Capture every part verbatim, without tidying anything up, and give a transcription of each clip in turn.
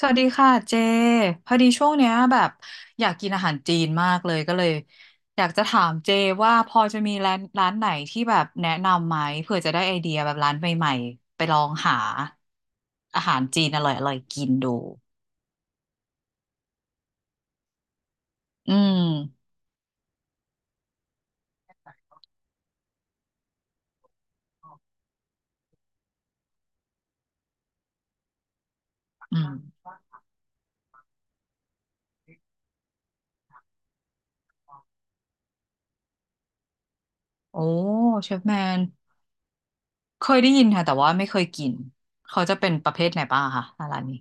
สวัสดีค่ะเจพอดีช่วงเนี้ยแบบอยากกินอาหารจีนมากเลยก็เลยอยากจะถามเจว่าพอจะมีร้านร้านไหนที่แบบแนะนำไหมเผื่อจะได้ไอเดียแบบร้านใหม่ๆไปลองหาอาหารจีนอร่อยๆกินดู อืมอืมโอ้เชฟแมนเคยได้ยินค่ะแต่ว่าไม่เคยกินเขาจะเป็นประเภทไหนบ้างคะร้านนี้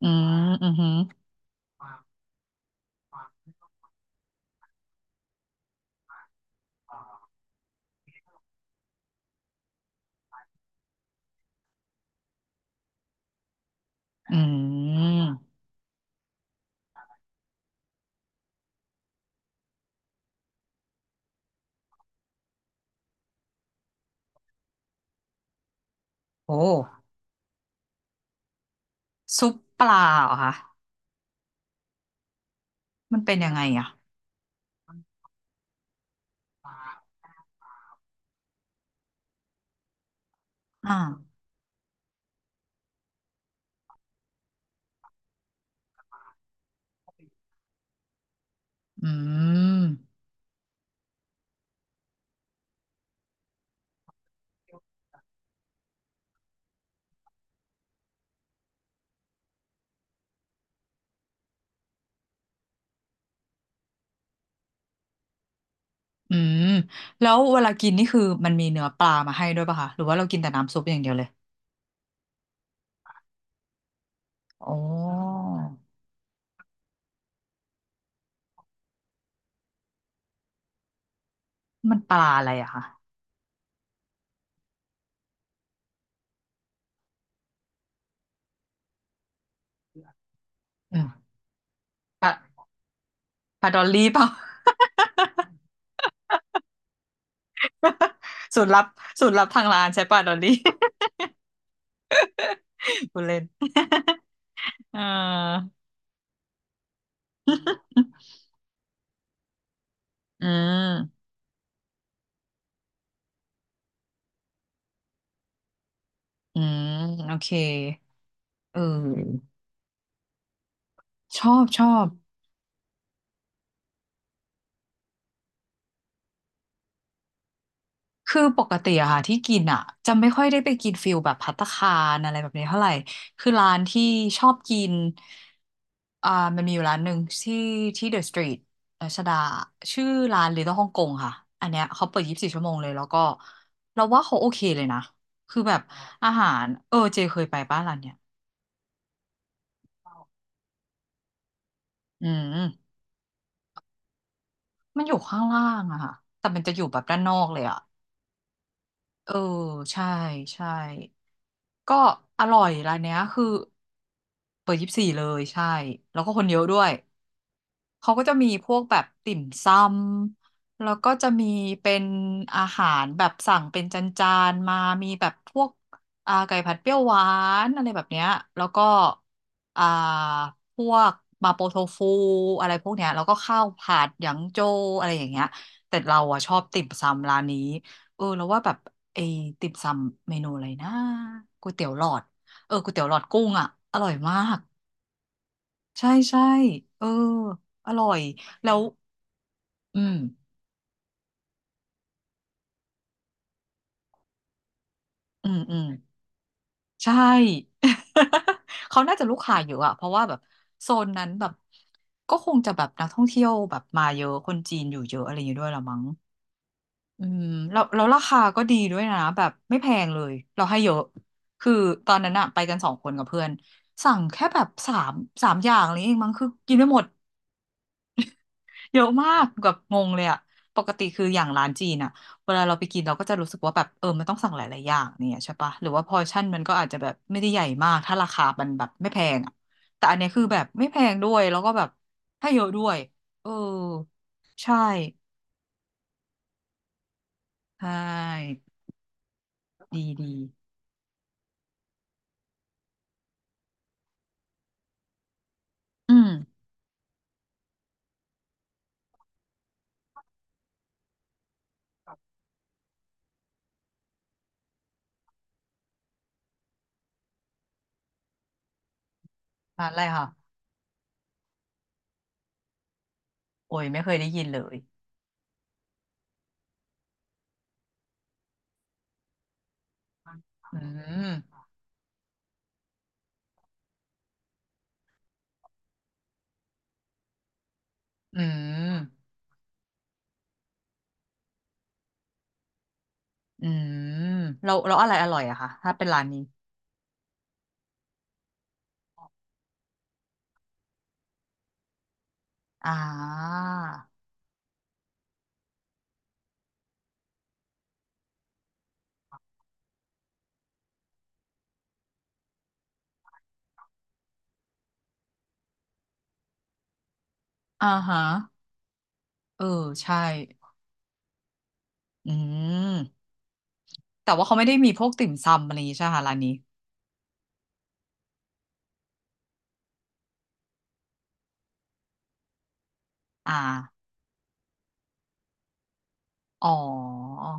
อืมอือหืออืมโอ้ซุปปลาเหรอคะมันเป็นยังไงอ่ะอ่า อืมอืมแล้วเวลากินนี่คือมันมีเนื้อปลามาให้ด้วยป่ะคะหรือว่าเรากินแต่น้ำซุปอย่างเดียวเลยอ๋อมันปลาอะไรอะคะอืมปลาปลาดอลลี่เปล่า สูตรลับสูตรลับทางร้านใช้ปลาดอลลี่ คุณเล่นเอออืมอืมโอเคเออชอบชอบคือปกติอะค่ะที่กินอะจะไม่ค่อยได้ไปกินฟิลแบบภัตตาคารอะไรแบบนี้เท่าไหร่คือร้านที่ชอบกิน อ่ามันมีอยู่ร้านหนึ่งที่ที่เดอะสตรีทรัชดาชื่อร้าน l i t เ l e ้ลฮ่องกงค่ะอันเนี้ยเขาเปิดยี่สิบสี่ชั่วโมงเลยแล้วก็เราว่าเขาโอเคเลยนะคือแบบอาหารเออเจเคยไปป้าร้านเนี้ยอืมมันอยู่ข้างล่างอะค่ะแต่มันจะอยู่แบบด้านนอกเลยอะเออใช่ใช่ก็อร่อยร้านเนี้ยคือเปิดยี่สิบสี่เลยใช่แล้วก็คนเยอะด้วย เขาก็จะมีพวกแบบติ่มซำแล้วก็จะมีเป็นอาหารแบบสั่งเป็นจานๆมามีแบบพวกอ่าไก่ผัดเปรี้ยวหวานอะไรแบบเนี้ยแล้วก็อ่าพวกมาโปโทฟูอะไรพวกเนี้ยแล้วก็ข้าวผัดหยางโจวอะไรอย่างเงี้ยแต่เราอะชอบติ่มซำร้านนี้เออแล้วว่าแบบไอ้ติ่มซำเมนูอะไรนะก๋วยเตี๋ยวหลอดเออก๋วยเตี๋ยวหลอดกุ้งอ่ะอร่อยมาก ใช่ใช่เอออร่อยแล้วอืมอืมอืมใช่ เขาน่าจะลูกค้าเยอะอะเพราะว่าแบบโซนนั้นแบบก็คงจะแบบนักท่องเที่ยวแบบมาเยอะคนจีนอยู่เยอะอะไรอย่างงี้ด้วยละมั้งอืมแล้วแล้วราคาก็ดีด้วยนะแบบไม่แพงเลยเราให้เยอะคือตอนนั้นอะไปกันสองคนกับเพื่อนสั่งแค่แบบสามสามอย่างอะไรเองมั้งคือกินไม่หมด เยอะมากแบบงงเลยอะปกติคืออย่างร้านจีนอะเวลาเราไปกินเราก็จะรู้สึกว่าแบบเออมันต้องสั่งหลายๆอย่างเนี่ยใช่ปะหรือว่าพอร์ชั่นมันก็อาจจะแบบไม่ได้ใหญ่มากถ้าราคามันแบบไม่แพงอะแต่อันเนี้ยคือแบบไม่แพงด้วยแล้วก็แบบให้เยอะด้วยเออใช่ใช่ดีดีอืมร้านอะไรค่ะโอ้ยไม่เคยได้ยินเลยอืมอืมอืมเราเราอะไรอร่อยอะคะถ้าเป็นร้านนี้อ่าอ่าฮะ เออใช่อืมแต่ว่าเขาไม่ได้มีพวกติ่มซำอะไรอย่างงี้ใช่ไหมคะร้านนี้อ่าอ๋อ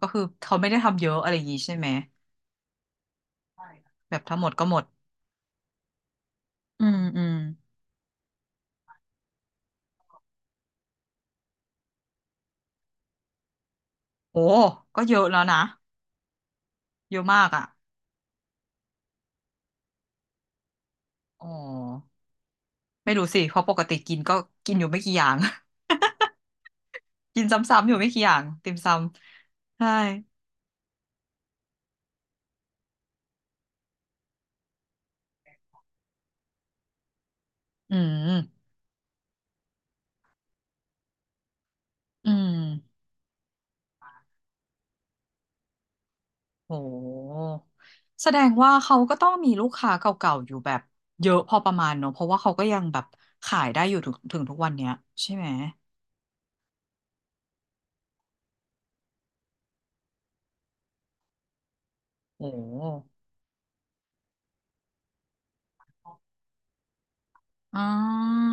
ก็คือเขาไม่ได้ทำเยอะอะไรอย่างงี้ใช่ไหมใช่ค่ะแบบถ้าหมดก็หมด อืมอืมโอ้ก็เยอะแล้วนะเยอะมากอ่ะอ๋อไม่รู้สิเพราะปกติกินก็กินอยู่ไม่กี่อย่าง กินซ้ำๆอยู่ไม่กี่อย่างติ่มซำใช่ อืมอืม โหแสดงว่าเขาก็ต้องมีลูกค้าเก่าๆอยู่แบบเยอะพอประมาณเนอะ เพราะว่าเขาก็ยังแบบขายได้อยู่ถึงถึงทุกวันเนี้ยใช่ไหม โอ้อ่า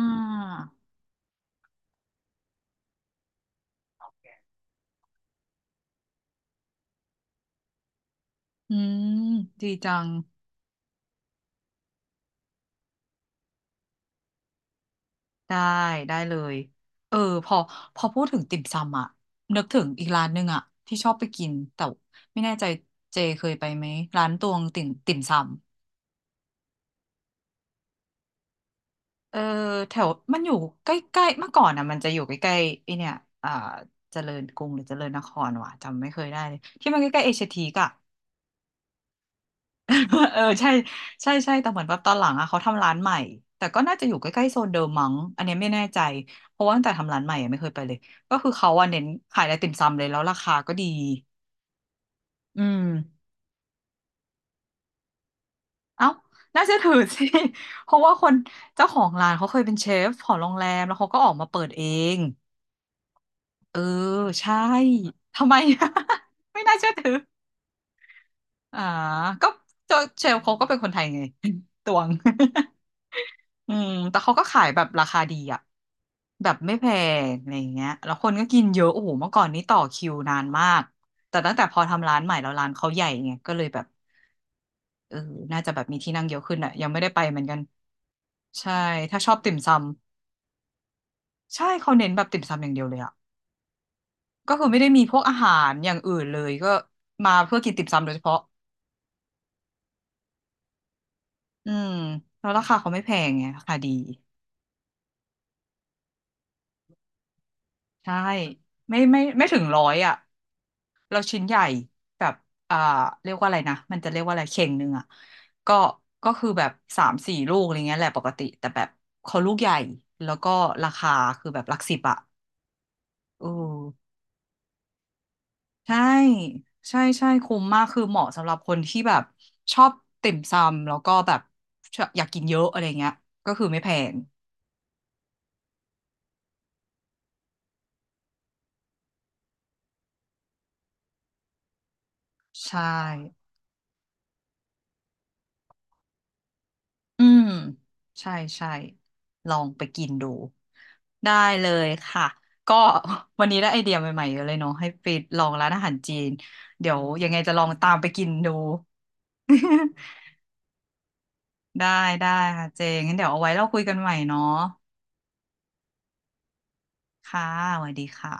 อืม ดีจัง ได้ได้เลย เออพอพอพูดถึงติ่มซำอะนึกถึงอีกร้านหนึ่งอะที่ชอบไปกินแต่ไม่แน่ใจเจเคยไปไหมร้านตวงติ่มติ่มซำ เออแถวมันอยู่ใกล้ๆเมื่อก่อนอ่ะมันจะอยู่ใกล้ๆไอเนี่ยอ่าเจริญกรุงหรือเจริญนครวะจำไม่เคยได้เลยที่มันใกล้ๆเอชทีกอะ เออใช่ใช่ใช่แต่เหมือนแบบตอนหลังอะเขาทำร้านใหม่แต่ก็น่าจะอยู่ใกล้ๆโซนเดิมมั้งอันเนี้ยไม่แน่ใจเพราะว่าตั้งแต่ทำร้านใหม่อะไม่เคยไปเลยก็คือเขาอะเน้นขายไอติมซำเลยแล้วราคาก็ดีอืมเอ้าน่าเชื่อถือสิ เพราะว่าคนเจ้าของร้านเขาเคยเป็นเชฟของโรงแรมแล้วเขาก็ออกมาเปิดเอง เออใช่ทำไม ไม่น่าเชื่อถืออ่าก็เจอเชลเขาก็เป็นคนไทยไง ตวง อืมแต่เขาก็ขายแบบราคาดีอ่ะแบบไม่แพงอะไรอย่างเงี้ยแล้วคนก็กินเยอะโอ้โหเมื่อก่อนนี้ต่อคิวนานมากแต่ตั้งแต่พอทำร้านใหม่แล้วร้านเขาใหญ่ไงก็เลยแบบเออน่าจะแบบมีที่นั่งเยอะขึ้นอ่ะยังไม่ได้ไปเหมือนกันใช่ถ้าชอบติ่มซำใช่เขาเน้นแบบติ่มซำอย่างเดียวเลยอ่ะก็คือไม่ได้มีพวกอาหารอย่างอื่นเลยก็มาเพื่อกินติ่มซำโดยเฉพาะ อืมแล้วราคาเขาไม่แพงไงราคาดีใช่ไม่ไม่ไม่ถึงร้อยอ่ะเราชิ้นใหญ่แบบอ่าเรียกว่าอะไรนะมันจะเรียกว่าอะไรเข่งหนึ่งอ่ะก็ก็คือแบบสามสี่ลูกอะไรเงี้ยแหละปกติแต่แบบเขาลูกใหญ่แล้วก็ราคาคือแบบหลักสิบอ่ะเออใช่ใช่ใช่คุ้มมากคือเหมาะสำหรับคนที่แบบชอบติ่มซำแล้วก็แบบชอบอยากกินเยอะอะไรเงี้ยก็คือไม่แพงใช่ อืมใช่ใช่ลองไปกินดูได้เลยค่ะก็ วันนี้ได้ไอเดียใหม่ๆเยอะเลยเนาะให้ไปลองร้านอาหารจีนเดี๋ยวยังไงจะลองตามไปกินดู ได้ได้ค่ะเจงงั้นเดี๋ยวเอาไว้เราคุยกันใหม่เนาะค่ะสวัสดีค่ะ